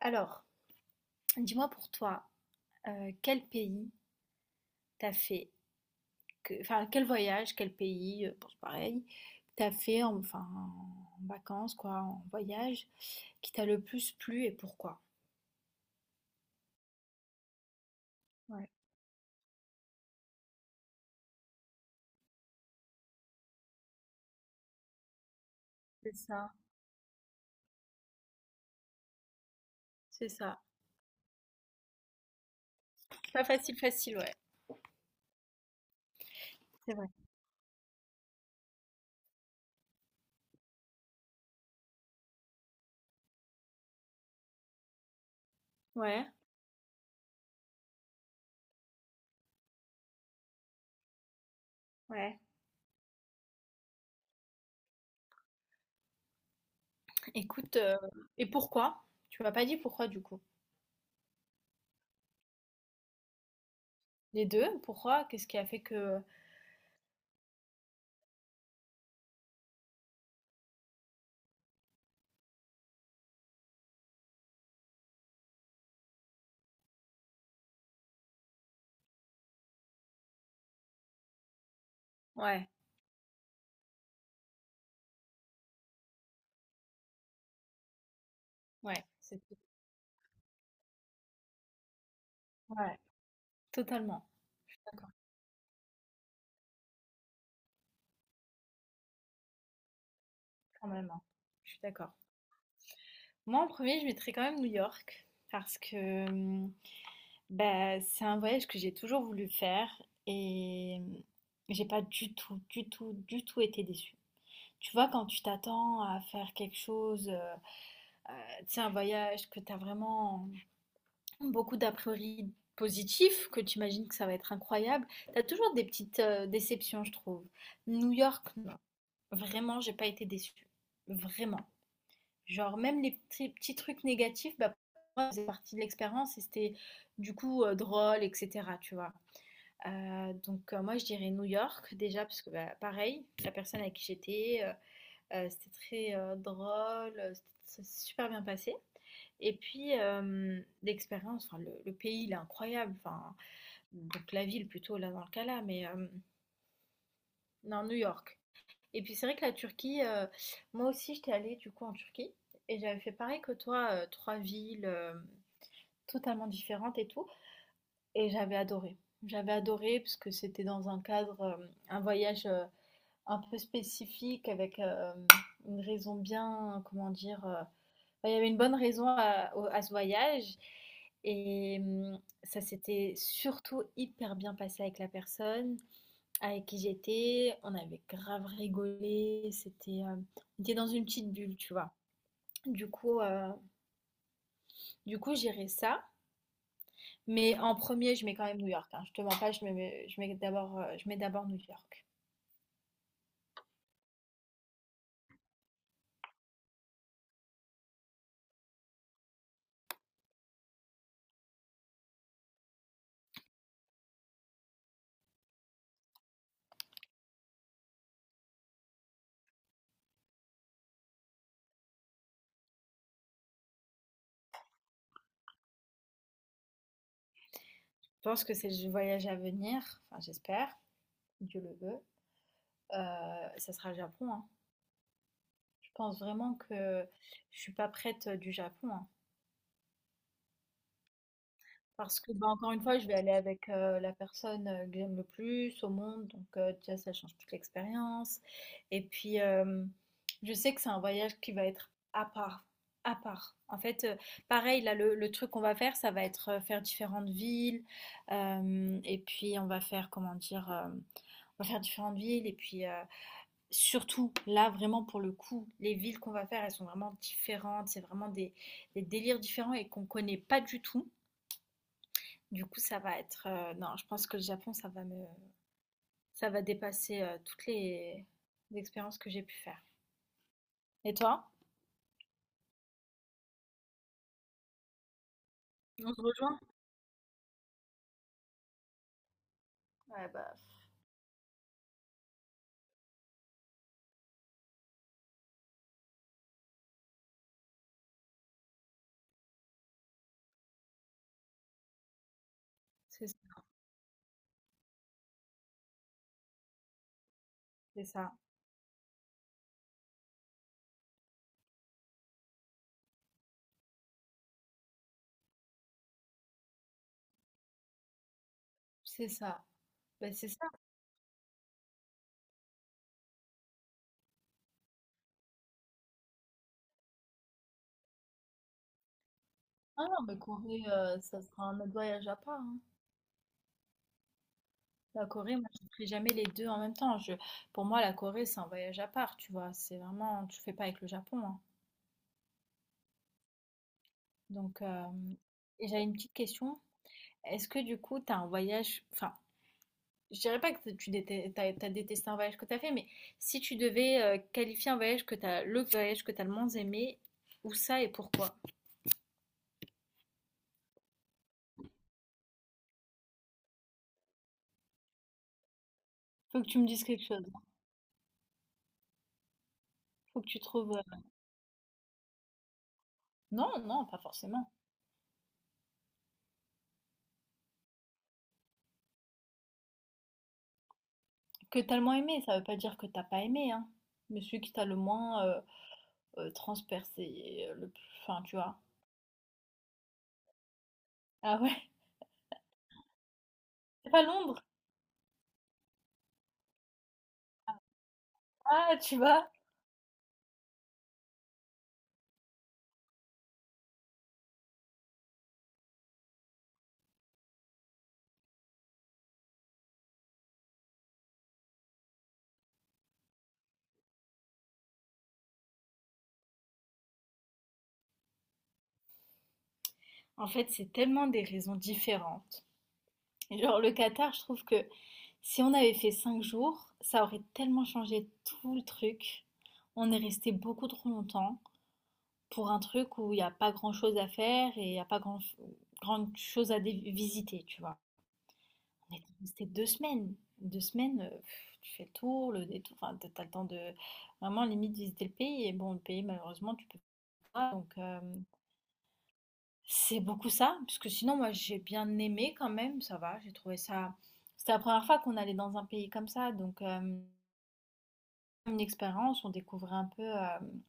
Alors, dis-moi pour toi, quel pays t'as fait, enfin quel voyage, quel pays, bon, c'est pareil, t'as fait enfin en vacances quoi, en voyage, qui t'a le plus plu et pourquoi? Ouais, c'est ça, c'est ça. Pas facile, facile, ouais. C'est vrai. Ouais, ouais. Écoute, et pourquoi? Tu m'as pas dit pourquoi du coup. Les deux, pourquoi? Qu'est-ce qui a fait que. Ouais, ouais, c'est. Ouais, totalement. Je suis d'accord, quand même, hein. Je suis d'accord. Moi, en premier, je mettrais quand même New York parce que bah, c'est un voyage que j'ai toujours voulu faire et j'ai pas du tout, du tout, du tout été déçue. Tu vois, quand tu t'attends à faire quelque chose, tu sais, un voyage que tu as vraiment beaucoup d'a priori positifs, que tu imagines que ça va être incroyable, tu as toujours des petites déceptions, je trouve. New York, non. Vraiment, j'ai pas été déçue. Vraiment. Genre même les petits petits trucs négatifs, bah, pour moi, ça faisait partie de l'expérience et c'était du coup, drôle et cetera, tu vois? Donc, moi je dirais New York déjà parce que, bah, pareil, la personne avec qui j'étais, c'était très, drôle, c'était ça s'est super bien passé et puis, l'expérience, enfin le pays il est incroyable, enfin donc la ville plutôt là dans le cas là, mais non New York. Et puis c'est vrai que la Turquie, moi aussi j'étais allée du coup en Turquie et j'avais fait pareil que toi, trois villes totalement différentes et tout. Et j'avais adoré. J'avais adoré parce que c'était dans un cadre, un voyage un peu spécifique avec une raison bien, comment dire, enfin, il y avait une bonne raison à, à ce voyage. Et ça s'était surtout hyper bien passé avec la personne avec qui j'étais, on avait grave rigolé, c'était, on était dans une petite bulle, tu vois. Du coup, euh, du coup, j'irai ça. Mais en premier, je mets quand même New York, hein. Je te mens pas, je mets d'abord New York. Je pense que c'est le voyage à venir, enfin j'espère, Dieu le veut. Ça sera le Japon, hein. Je pense vraiment que je suis pas prête du Japon, hein. Parce que, bah, encore une fois, je vais aller avec, la personne, que j'aime le plus au monde, donc déjà ça change toute l'expérience et puis, je sais que c'est un voyage qui va être à part à part. En fait, pareil là, le truc qu'on va faire, ça va être, faire différentes villes, hem et puis on va faire, comment dire? On va faire différentes villes et puis, surtout là, vraiment pour le coup, les villes qu'on va faire, elles sont vraiment différentes. C'est vraiment des délires différents et qu'on connaît pas du tout. Du coup, ça va être, non, je pense que le Japon, ça va dépasser, toutes les expériences que j'ai pu faire. Et toi? On se rejoint? Ouais, bah. C'est ça, c'est ça. C'est ça. Beh, c'est ça. Ah non, mais Corée, ça sera un autre voyage à part, hein. La Corée, moi, je ne ferai jamais les 2 en même temps. Je pour moi, la Corée, c'est un voyage à part, tu vois? C'est vraiment tu le fais pas avec le Japon, hein. Donc, hem, et j'avais une petite question. Est-ce que du coup, tu as un voyage enfin je dirais pas que tu détestes, t'as détesté un voyage que t'as fait, mais si tu devais qualifier un voyage le voyage que t'as le moins aimé, où ça et pourquoi? Faut que tu me dises quelque chose. Faut que tu trouves. Non, non, pas forcément. Que t'as le moins aimé, ça veut pas dire que t'as pas aimé, hein. Mais celui que t'as le moins transpercé, le plus. Enfin, tu vois. Ah ouais, c'est pas Londres. Ah, tu vois. En fait, c'est tellement des raisons différentes. Et genre, le Qatar, je trouve que si on avait fait 5 jours, ça aurait tellement changé tout le truc. On est resté beaucoup trop longtemps pour un truc où il n'y a pas grand-chose à faire et il n'y a pas grand, grande chose à visiter, tu vois. On est resté 2 semaines. 2 semaines, pff, tu fais le tour, le détour, enfin, t'as le temps de vraiment limite visiter le pays. Et bon, le pays, malheureusement, tu peux pas. Donc, c'est beaucoup ça. Parce que sinon, moi, j'ai bien aimé quand même, ça va. J'ai trouvé ça. C'était la première fois qu'on allait dans un pays comme ça. Donc, une expérience, on découvrait un peu,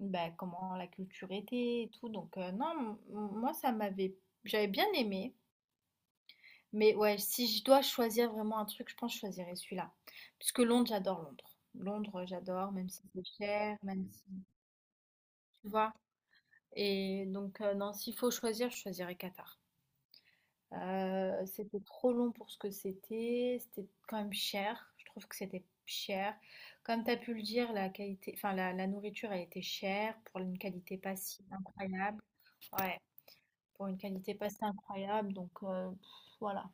bah, comment la culture était et tout donc non, m m moi ça m'avait j'avais bien aimé, mais ouais, si je dois choisir vraiment un truc, je pense que je choisirais celui-là. Puisque Londres, j'adore Londres. Londres, j'adore même si c'est cher, même si tu vois? Et donc non, s'il faut choisir, je choisirais Qatar. C'était trop long pour ce que c'était, c'était quand même cher. Je trouve que c'était cher. Comme tu as pu le dire, la qualité enfin la nourriture, elle était chère pour une qualité pas si incroyable. Ouais, pour une qualité pas si incroyable, donc voilà.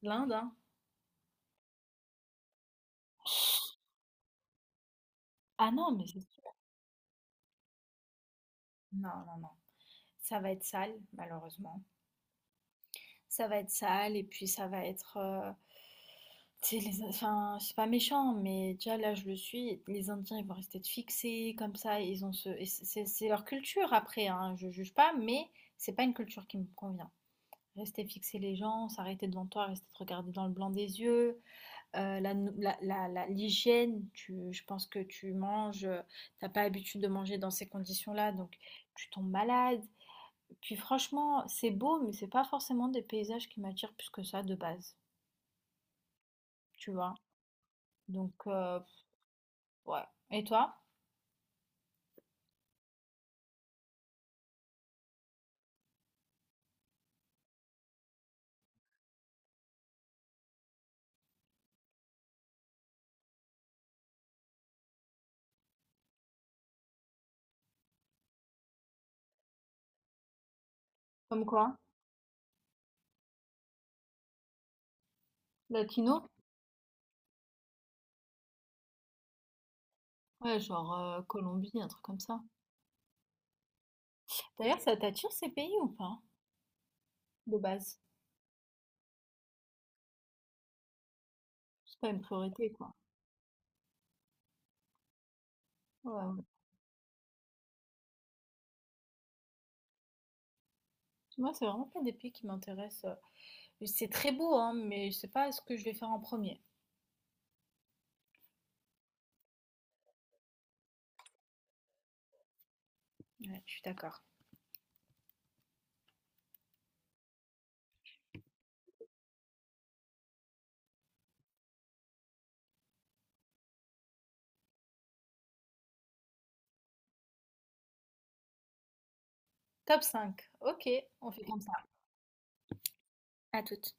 L'Inde, hein? Ah non, mais c'est sûr. Non, non, non. Ça va être sale, malheureusement. Ça va être sale et puis ça va être. C'est les, enfin, c'est pas méchant, mais déjà là je le suis. Les Indiens ils vont rester fixés comme ça. Ils ont ce, et c'est leur culture après. Hein, je juge pas, mais c'est pas une culture qui me convient. Rester fixer les gens, s'arrêter devant toi, rester te regarder dans le blanc des yeux, la, nou- la- la- la- l'hygiène. Je pense que tu manges, t'as pas l'habitude de manger dans ces conditions-là, donc tu tombes malade. Puis franchement, c'est beau, mais c'est pas forcément des paysages qui m'attirent plus que ça de base. Tu vois. Donc, euh, Ouais. Et toi? Comme quoi? Latino? Ouais, genre Colombie, un truc comme ça. D'ailleurs, ça t'attire ces pays ou pas? De base. C'est pas une priorité, quoi. Ouais, ouais. Moi, c'est vraiment pas des pays qui m'intéressent. C'est très beau, hein, mais je sais pas ce que je vais faire en premier. Ouais, je suis d'accord. Top 5. Ok, on fait comme ça. À toutes.